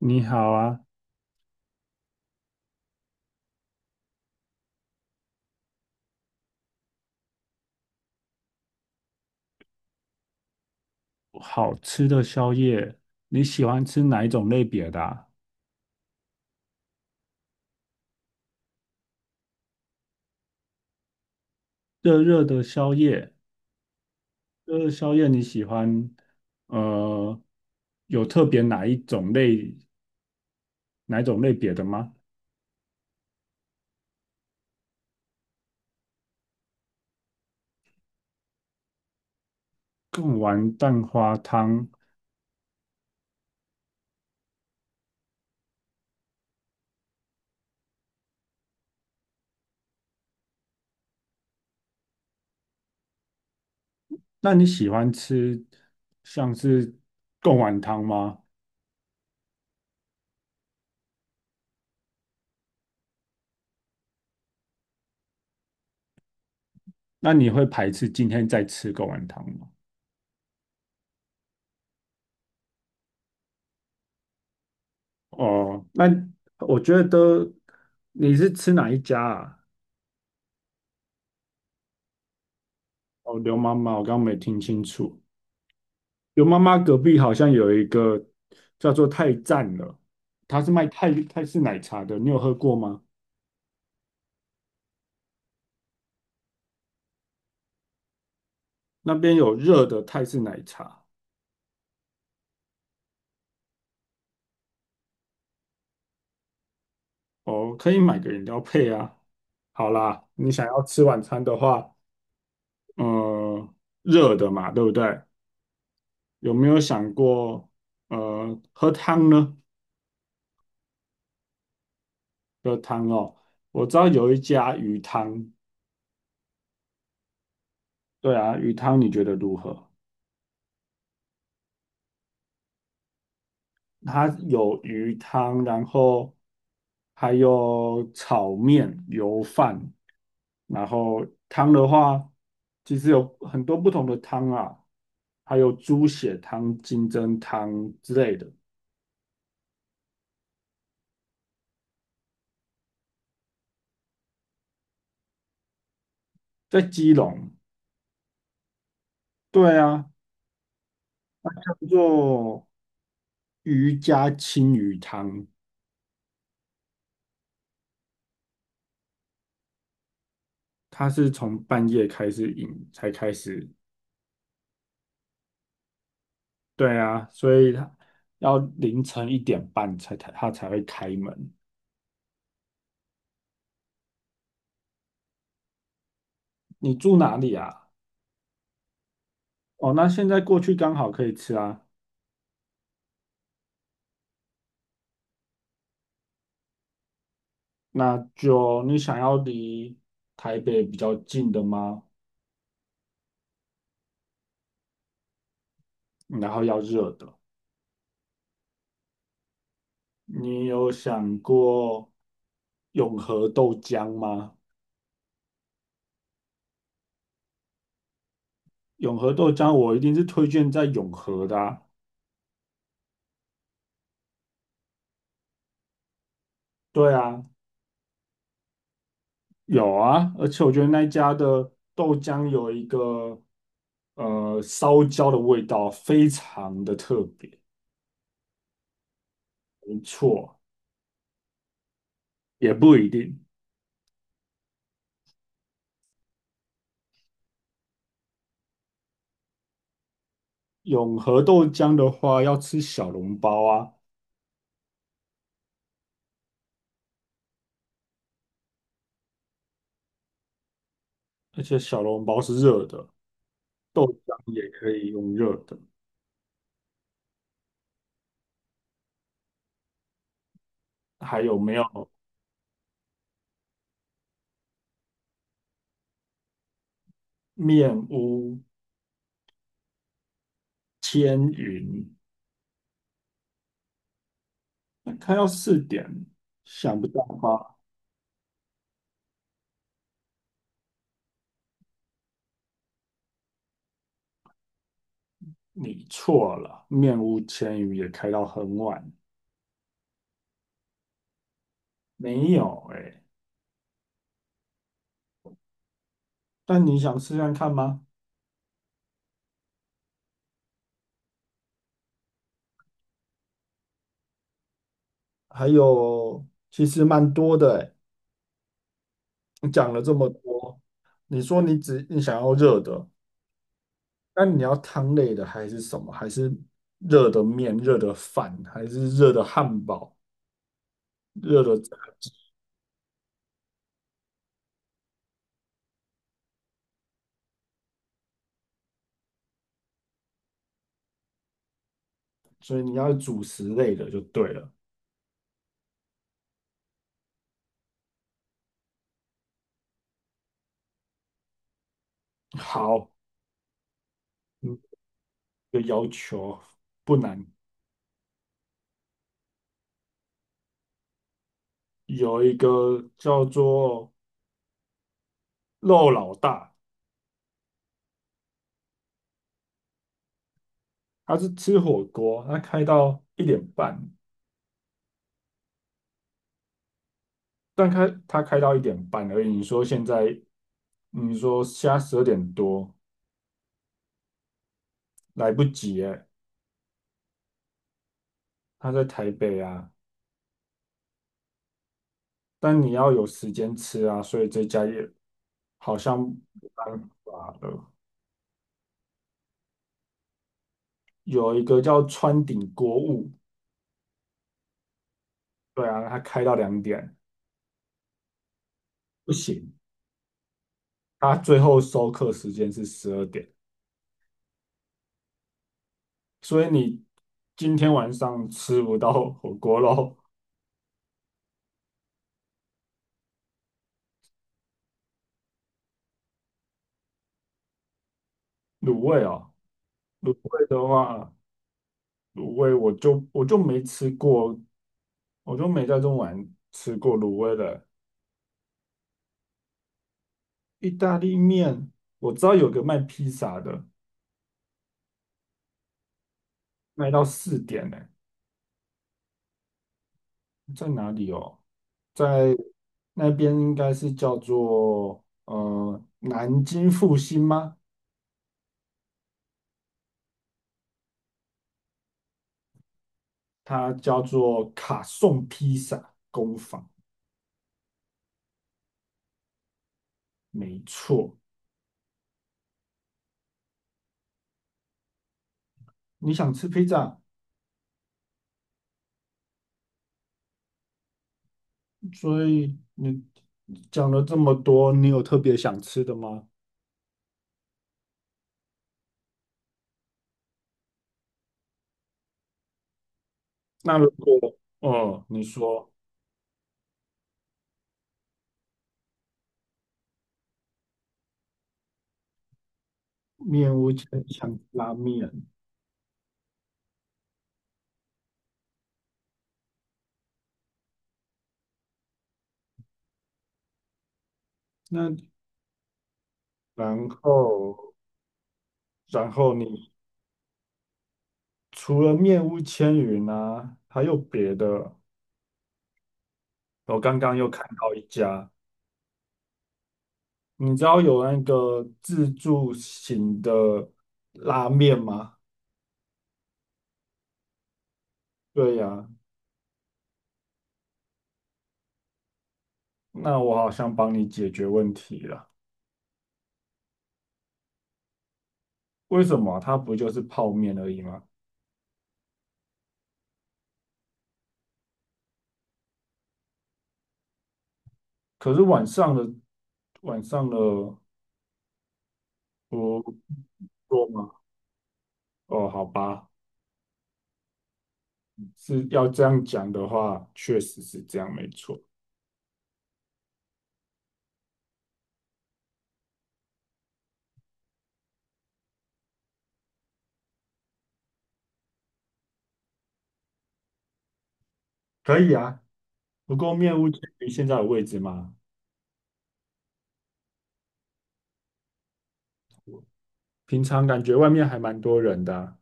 你好啊，好吃的宵夜，你喜欢吃哪一种类别的啊？热热的宵夜，热热宵夜你喜欢，呃，有特别哪一种类别的吗？贡丸蛋花汤，那你喜欢吃像是贡丸汤吗？那你会排斥今天再吃贡丸汤吗？哦，那我觉得你是吃哪一家啊？哦，刘妈妈，我刚刚没听清楚。有妈妈隔壁好像有一个叫做泰赞了，它是卖泰式奶茶的，你有喝过吗？那边有热的泰式奶茶哦，可以买个饮料配啊。好啦，你想要吃晚餐的话，呃，热的嘛，对不对？有没有想过，喝汤呢？喝汤哦，我知道有一家鱼汤，对啊，鱼汤你觉得如何？它有鱼汤，然后还有炒面、油饭，然后汤的话，其实有很多不同的汤啊，还有猪血汤、金针汤之类的。在基隆，对啊，叫做渔家青鱼汤，它是从半夜开始饮才开始，对啊，所以它要凌晨一点半才它才会开门。你住哪里啊？哦，那现在过去刚好可以吃啊。那就你想要离台北比较近的吗？然后要热的。你有想过永和豆浆吗？永和豆浆我一定是推荐在永和的啊。对啊，有啊，而且我觉得那一家的豆浆有一个烧焦的味道，非常的特别。没错，也不一定。永和豆浆的话，要吃小笼包啊。而且小笼包是热的，也可以用热的。还有没有面屋、千云？那开到四点，想不到吧？你错了，面屋千云也开到很晚。没有哎、但你想试看看吗？还有其实蛮多的诶，你讲了这么多，你说你想要热的，那你要汤类的还是什么？还是热的面、热的饭，还是热的汉堡、热的？所以你要主食类的就对了。好，嗯，一个要求不难，有一个叫做肉老大，他是吃火锅，他开到一点半，他开到一点半而已。你说现在十二点多来不及哎，他在台北啊，但你要有时间吃啊，所以这家也好像没办法了。有一个叫川鼎锅物，对啊，他开到2点，不行，他最后收课时间是十二点，所以你今天晚上吃不到火锅喽。卤味哦，卤味的话，卤味我就没吃过，我就没在中环吃过卤味的意大利面，我知道有个卖披萨的，卖到四点呢、在哪里哦？在那边应该是叫做南京复兴吗？它叫做卡颂披萨。工坊。没错，你想吃披萨，所以你讲了这么多，你有特别想吃的吗？那如果，哦，你说面屋千想拉面，那然后，然后你除了面屋千云啊，还有别的？我刚刚又看到一家，你知道有那个自助型的拉面吗？对呀，那我好像帮你解决问题了。为什么它不就是泡面而已吗？可是晚上的不多吗？哦，好吧，是要这样讲的话，确实是这样，没错。可以啊，不过面屋介于现在的位置吗？平常感觉外面还蛮多人的啊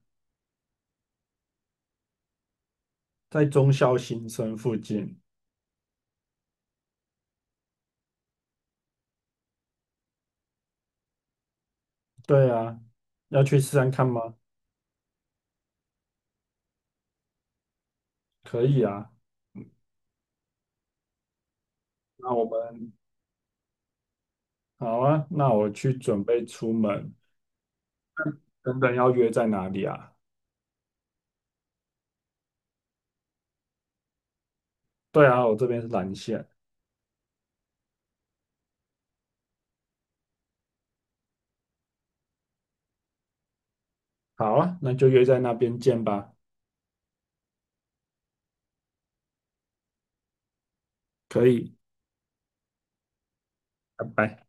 在中校新生附近。对啊，要去试试看吗？可以啊，那我们好啊，那我去准备出门。等等要约在哪里啊？对啊，我这边是蓝线。好啊，那就约在那边见吧。可以，拜拜。